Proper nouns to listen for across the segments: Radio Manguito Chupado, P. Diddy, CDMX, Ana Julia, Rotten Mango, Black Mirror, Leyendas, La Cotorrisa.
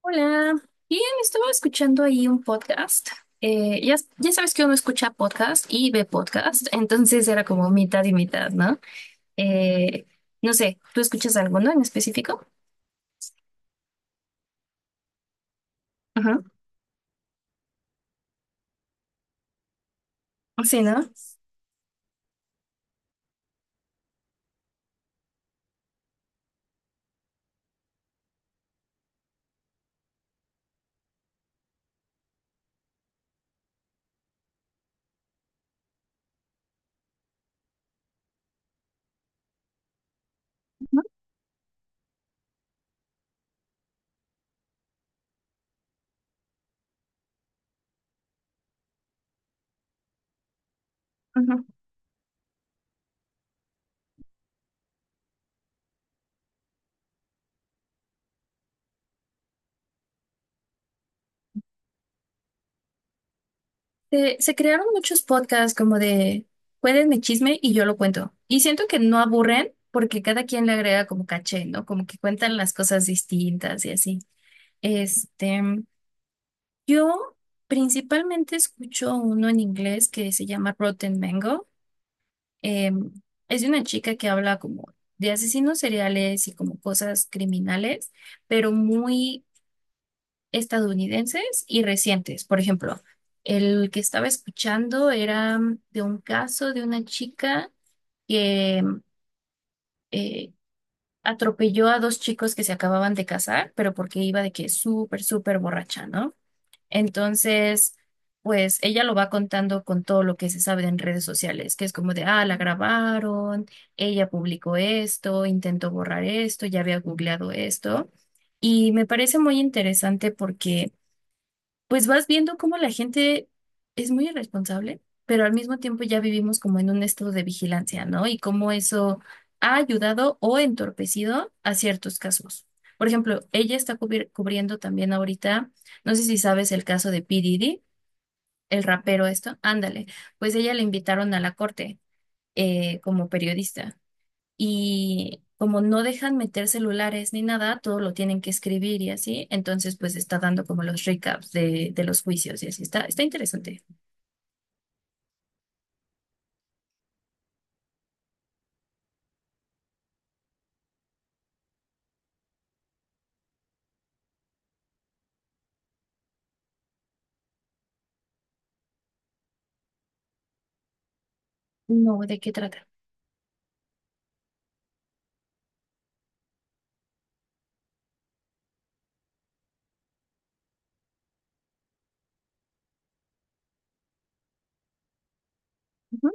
Hola, bien, estaba escuchando ahí un podcast. Ya sabes que uno escucha podcast y ve podcast, entonces era como mitad y mitad, ¿no? Eh, no sé, ¿tú escuchas alguno en específico? Ajá. Sí, ¿no? Ujú, ujú. Se crearon muchos podcasts como de, cuéntenme chisme y yo lo cuento. Y siento que no aburren porque cada quien le agrega como caché, ¿no? Como que cuentan las cosas distintas y así. Este, Yo principalmente escucho uno en inglés que se llama Rotten Mango. Em, es de una chica que habla como de asesinos seriales y como cosas criminales, pero muy estadounidenses y recientes. Por ejemplo, el que estaba escuchando era de un caso de una chica que eh, atropelló a dos chicos que se acababan de casar, pero porque iba de que súper, súper borracha, ¿no? Entonces, pues ella lo va contando con todo lo que se sabe en redes sociales, que es como de, ah, la grabaron, ella publicó esto, intentó borrar esto, ya había googleado esto. Y me parece muy interesante porque pues vas viendo cómo la gente es muy irresponsable, pero al mismo tiempo ya vivimos como en un estado de vigilancia, ¿no? Y cómo eso ha ayudado o entorpecido a ciertos casos. Por ejemplo, ella está cubriendo también ahorita, no sé si sabes el caso de P. Diddy, el rapero esto, ándale, pues ella le invitaron a la corte como periodista y como no dejan meter celulares ni nada, todo lo tienen que escribir y así, entonces pues está dando como los recaps de los juicios y así, está interesante. No, ¿de qué trata? Ujú.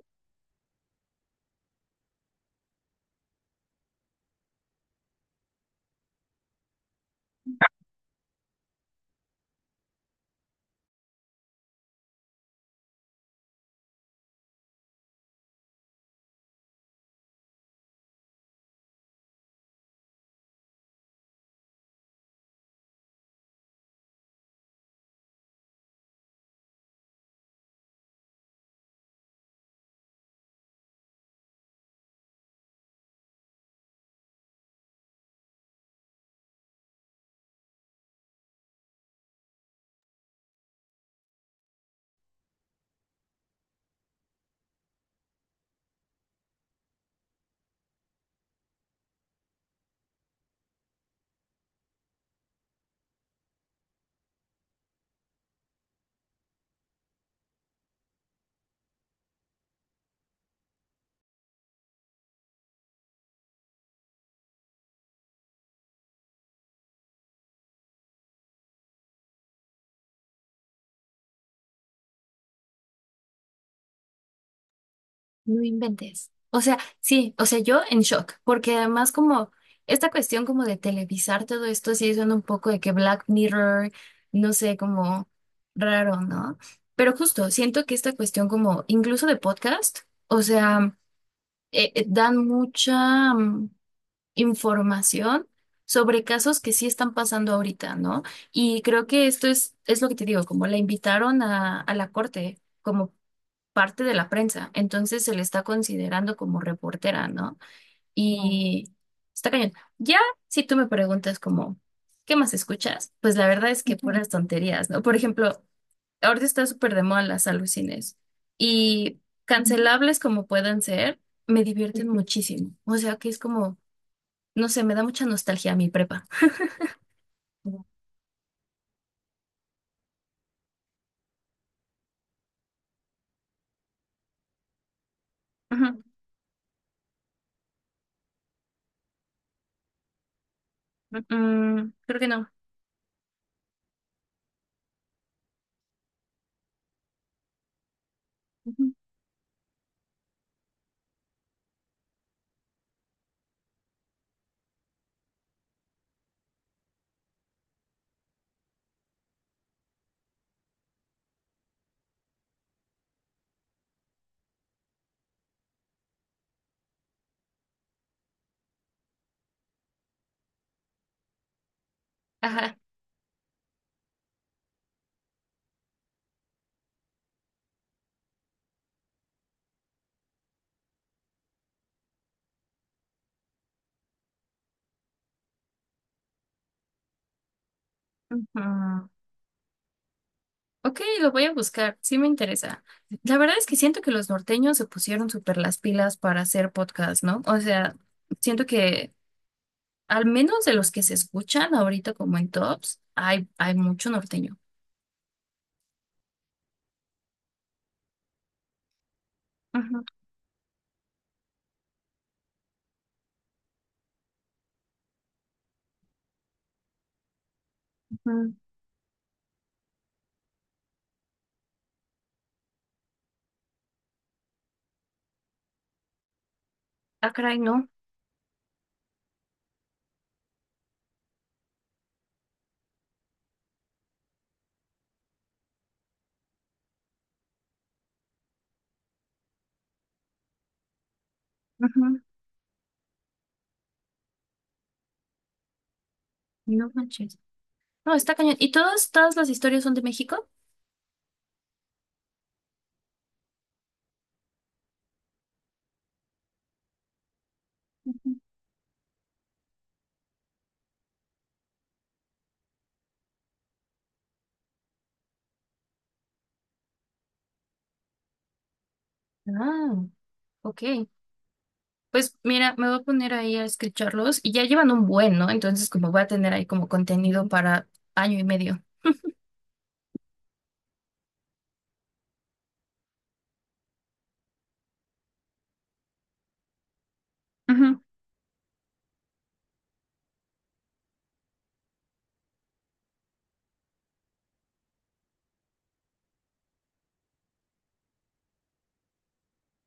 No inventes. O sea, sí, o sea, yo en shock, porque además como esta cuestión como de televisar todo esto, sí suena un poco de que Black Mirror, no sé, como raro, ¿no? Pero justo, siento que esta cuestión como incluso de podcast, o sea, dan mucha... información sobre casos que sí están pasando ahorita, ¿no? Y creo que esto es lo que te digo, como la invitaron a la corte como parte de la prensa, entonces se le está considerando como reportera, ¿no? Claro. Y está cañón. Ya, si tú me preguntas como, ¿qué más escuchas? Pues la verdad es que puras tonterías, ¿no? Por ejemplo, ahorita está súper de moda las alucines y cancelables como puedan ser, me divierten muchísimo. O sea que es como... No sé, me da mucha nostalgia mi prepa. Ujú. Mm, creo que no. Ujú. Ajá. Ujú. Ok, lo voy a buscar, sí me interesa. La verdad es que siento que los norteños se pusieron súper las pilas para hacer podcast, ¿no? O sea, siento que al menos de los que se escuchan ahorita como en tops, hay mucho norteño. Ujú, ujú. Ah, caray, no. Ujú. No manches. No, está cañón. ¿Y todas, todas las historias son de México? Ujú. Ah, ok. Pues mira, me voy a poner ahí a escucharlos y ya llevan un buen, ¿no? Entonces como voy a tener ahí como contenido para año y medio. Ujú.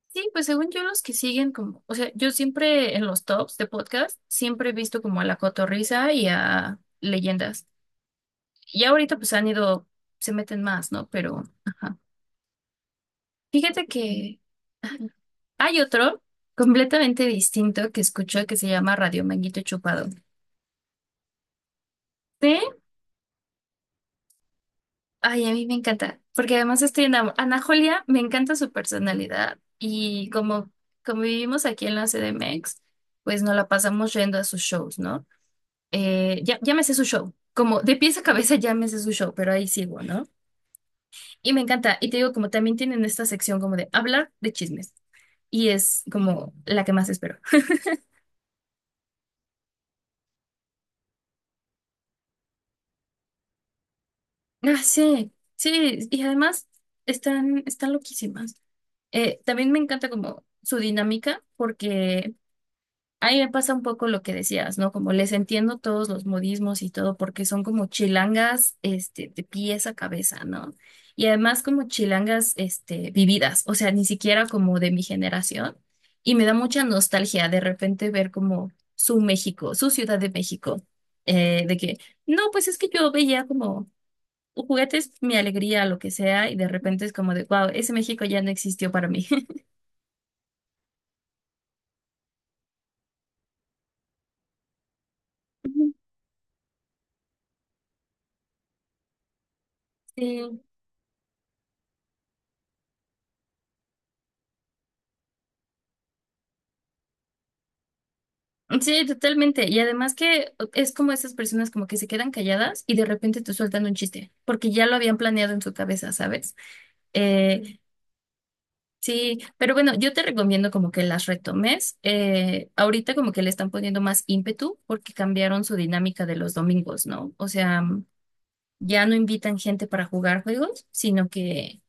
Sí, pues según yo los que siguen como, o sea, yo siempre en los tops de podcast siempre he visto como a La Cotorrisa y a Leyendas. Y ahorita pues han ido, se meten más, ¿no? Pero, ajá. Fíjate que hay otro completamente distinto que escucho que se llama Radio Manguito Chupado. Sí, ay, a mí me encanta, porque además estoy enamorada. Ana Julia, me encanta su personalidad y como, como vivimos aquí en la CDMX, pues nos la pasamos yendo a sus shows, ¿no? Ya me sé su show, como de pies a cabeza ya me sé su show, pero ahí sigo, ¿no? Y me encanta, y te digo, como también tienen esta sección como de hablar de chismes, y es como la que más espero. Ah, sí, sí, y además están, están loquísimas. También me encanta como su dinámica, porque ahí me pasa un poco lo que decías, ¿no? Como les entiendo todos los modismos y todo, porque son como chilangas, este, de pies a cabeza, ¿no? Y además como chilangas, este, vividas, o sea, ni siquiera como de mi generación. Y me da mucha nostalgia de repente ver como su México, su Ciudad de México, de que, no, pues es que yo veía como juguetes, mi alegría, lo que sea, y de repente es como de, wow, ese México ya no existió para mí. Sí. Sí, totalmente. Y además que es como esas personas como que se quedan calladas y de repente te sueltan un chiste, porque ya lo habían planeado en su cabeza, ¿sabes? Eh, sí, pero bueno, yo te recomiendo como que las retomes. Ahorita como que le están poniendo más ímpetu porque cambiaron su dinámica de los domingos, ¿no? O sea, ya no invitan gente para jugar juegos, sino que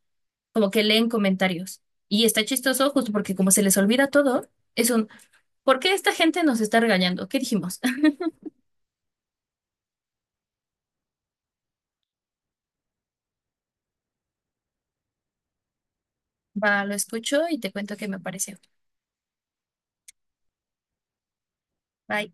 como que leen comentarios. Y está chistoso justo porque como se les olvida todo, es un, ¿por qué esta gente nos está regañando? ¿Qué dijimos? Va, lo escucho y te cuento qué me pareció. Bye.